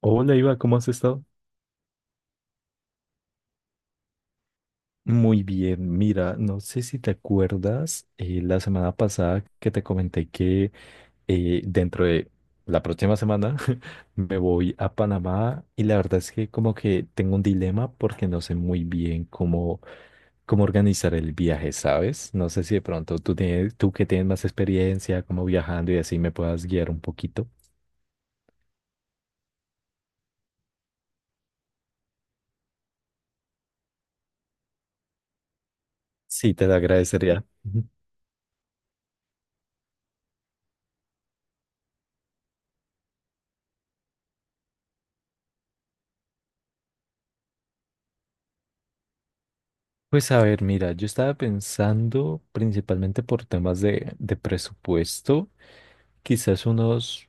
Hola Iva, ¿cómo has estado? Muy bien, mira, no sé si te acuerdas la semana pasada que te comenté que dentro de la próxima semana me voy a Panamá y la verdad es que como que tengo un dilema porque no sé muy bien cómo organizar el viaje, ¿sabes? No sé si de pronto tú que tienes más experiencia como viajando y así me puedas guiar un poquito. Sí, te lo agradecería. Pues a ver, mira, yo estaba pensando principalmente por temas de presupuesto, quizás unos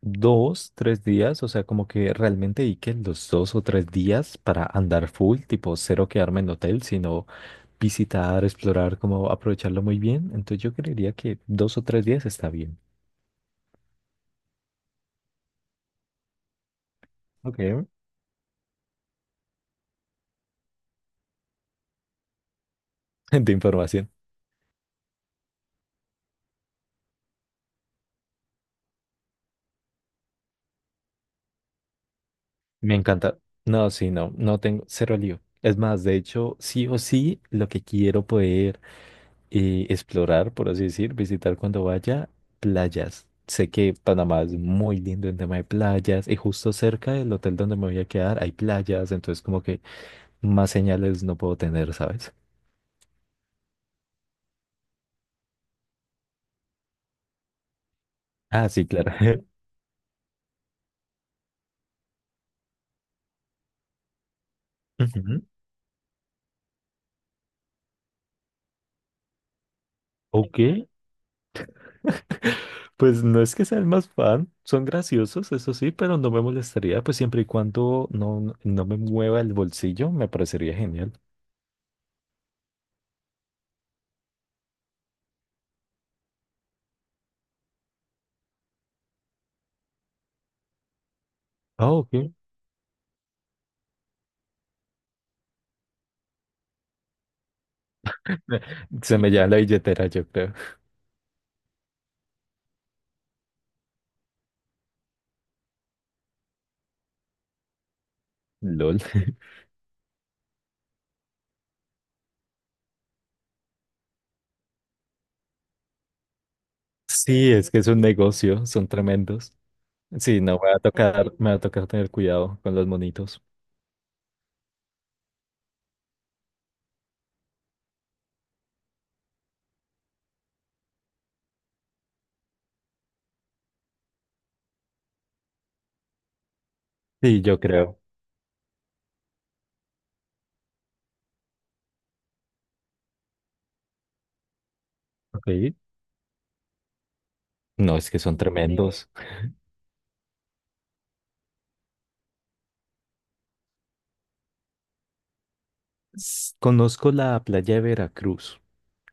2, 3 días, o sea, como que realmente dediquen los 2 o 3 días para andar full, tipo cero quedarme en hotel, sino visitar, explorar, como aprovecharlo muy bien. Entonces yo creería que 2 o 3 días está bien. Okay. De información. Me encanta. No, sí, no, no tengo cero lío. Es más, de hecho, sí o sí, lo que quiero poder y explorar, por así decir, visitar cuando vaya playas. Sé que Panamá es muy lindo en tema de playas y justo cerca del hotel donde me voy a quedar hay playas, entonces como que más señales no puedo tener, ¿sabes? Ah, sí, claro. Ujú. Ok, pues no es que sea el más fan, son graciosos, eso sí, pero no me molestaría, pues siempre y cuando no, no me mueva el bolsillo, me parecería genial. Ah, ok. Se me lleva la billetera, yo creo. LOL. Sí, es que es un negocio, son tremendos. Sí, no, me va a tocar tener cuidado con los monitos. Sí, yo creo. Ok. No, es que son tremendos. Conozco la playa de Veracruz,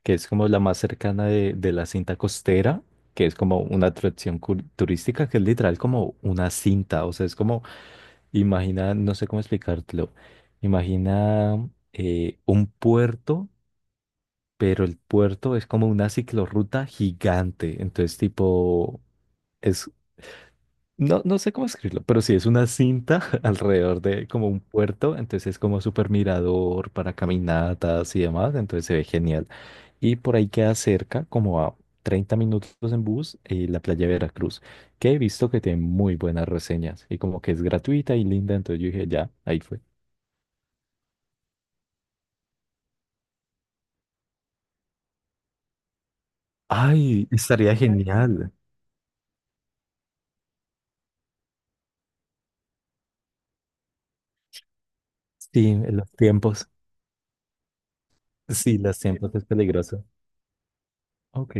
que es como la más cercana de la cinta costera, que es como una atracción turística, que es literal como una cinta. O sea, es como, imagina, no sé cómo explicártelo. Imagina un puerto pero el puerto es como una ciclorruta gigante. Entonces, tipo, es, no, no sé cómo escribirlo, pero sí es una cinta alrededor de como un puerto. Entonces, es como super mirador para caminatas y demás. Entonces, se ve genial. Y por ahí queda cerca, como a 30 minutos en bus, la playa de Veracruz, que he visto que tiene muy buenas reseñas y como que es gratuita y linda. Entonces, yo dije, ya, ahí fue. Ay, estaría genial. Sí, en los tiempos. Sí, los tiempos es peligroso. Ok.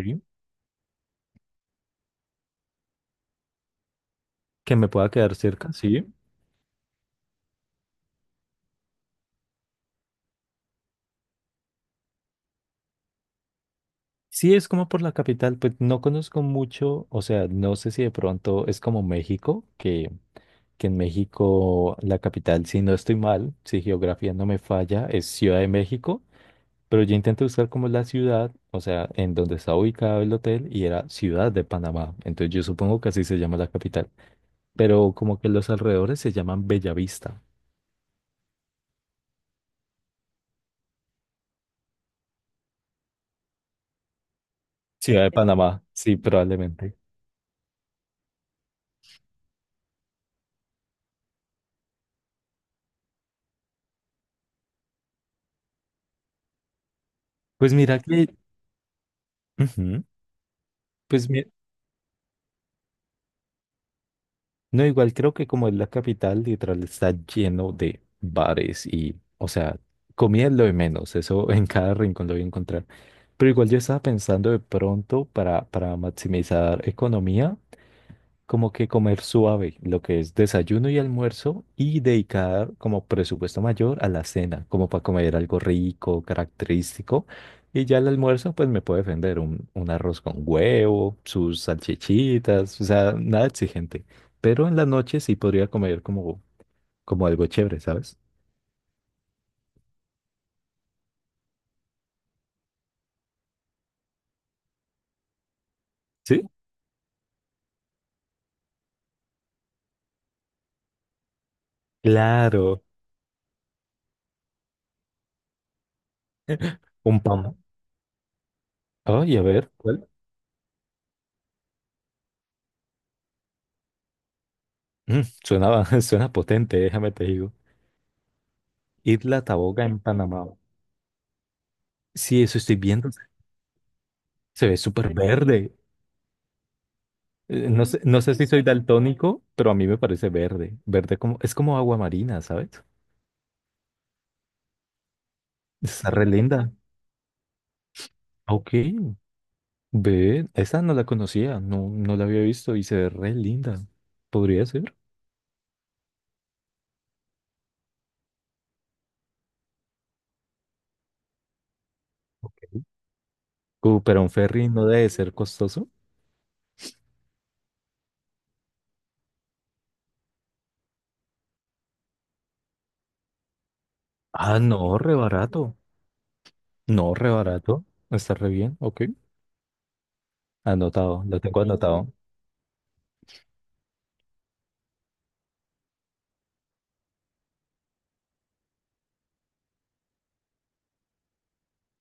Que me pueda quedar cerca, sí. Sí, es como por la capital, pues no conozco mucho, o sea, no sé si de pronto es como México, que en México la capital, si no estoy mal, si geografía no me falla, es Ciudad de México, pero yo intenté buscar como la ciudad, o sea, en donde está ubicado el hotel y era Ciudad de Panamá, entonces yo supongo que así se llama la capital, pero como que los alrededores se llaman Bellavista, Ciudad de Panamá, sí, probablemente. Pues mira que. Ujú. Pues mi- No, igual creo que como es la capital, literal está lleno de bares y, o sea, comida es lo de menos, eso en cada rincón lo voy a encontrar. Pero igual yo estaba pensando de pronto para maximizar economía, como que comer suave, lo que es desayuno y almuerzo, y dedicar como presupuesto mayor a la cena, como para comer algo rico, característico. Y ya el almuerzo, pues me puede defender un arroz con huevo, sus salchichitas, o sea, nada exigente. Pero en la noche sí podría comer como algo chévere, ¿sabes? Sí, claro. Un pan. Ay, a ver, ¿cuál? Mm, suena, suena potente, déjame te digo. Isla Taboga en Panamá. Sí, eso estoy viendo. Se ve súper verde. No sé, no sé si soy daltónico, pero a mí me parece verde. Verde como, es como agua marina, ¿sabes? Está re linda. Ah, ok, ve, esa no la conocía, no, no la había visto y se ve re linda. Podría ser. Ok. Pero un ferry no debe ser costoso. Ah, no, re barato. No, re barato. Está re bien, ok. Anotado, lo tengo anotado.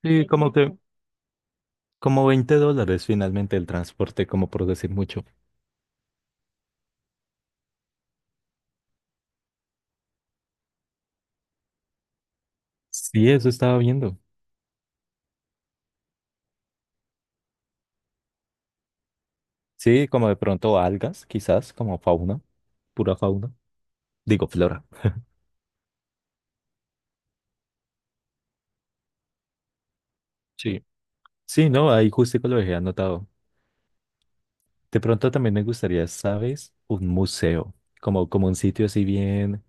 Sí, como que, como $20 finalmente el transporte, como por decir mucho. Sí, eso estaba viendo. Sí, como de pronto algas, quizás, como fauna, pura fauna. Digo, flora. Sí. Sí, no, ahí justico lo dejé anotado. De pronto también me gustaría, ¿sabes? Un museo, como un sitio así bien,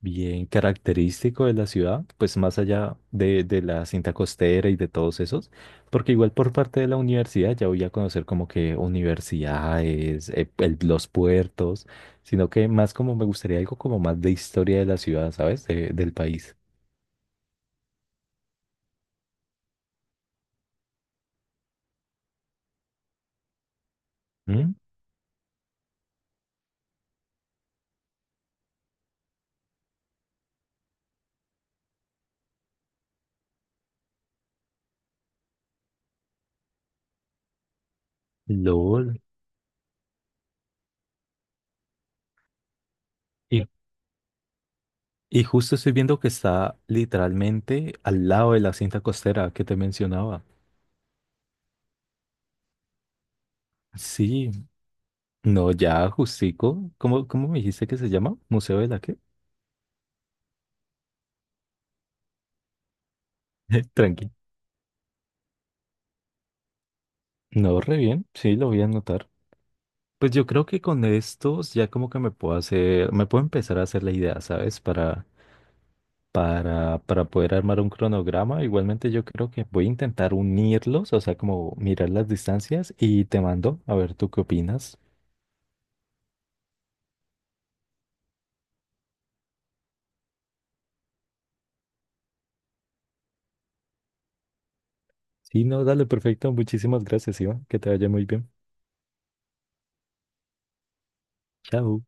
bien característico de la ciudad, pues más allá de la cinta costera y de todos esos, porque igual por parte de la universidad ya voy a conocer como que universidades, los puertos, sino que más como me gustaría algo como más de historia de la ciudad, ¿sabes? Del país. ¿Mm? LOL. Y, y justo estoy viendo que está literalmente al lado de la cinta costera que te mencionaba. Sí, no, ya justico. ¿Cómo me dijiste que se llama? ¿Museo de la qué? Tranqui. No, re bien. Sí, lo voy a anotar. Pues yo creo que con estos ya como que me puedo empezar a hacer la idea, ¿sabes? Para poder armar un cronograma. Igualmente yo creo que voy a intentar unirlos, o sea, como mirar las distancias y te mando a ver tú qué opinas. Sí, no, dale, perfecto. Muchísimas gracias, Iván. Que te vaya muy bien. Chao.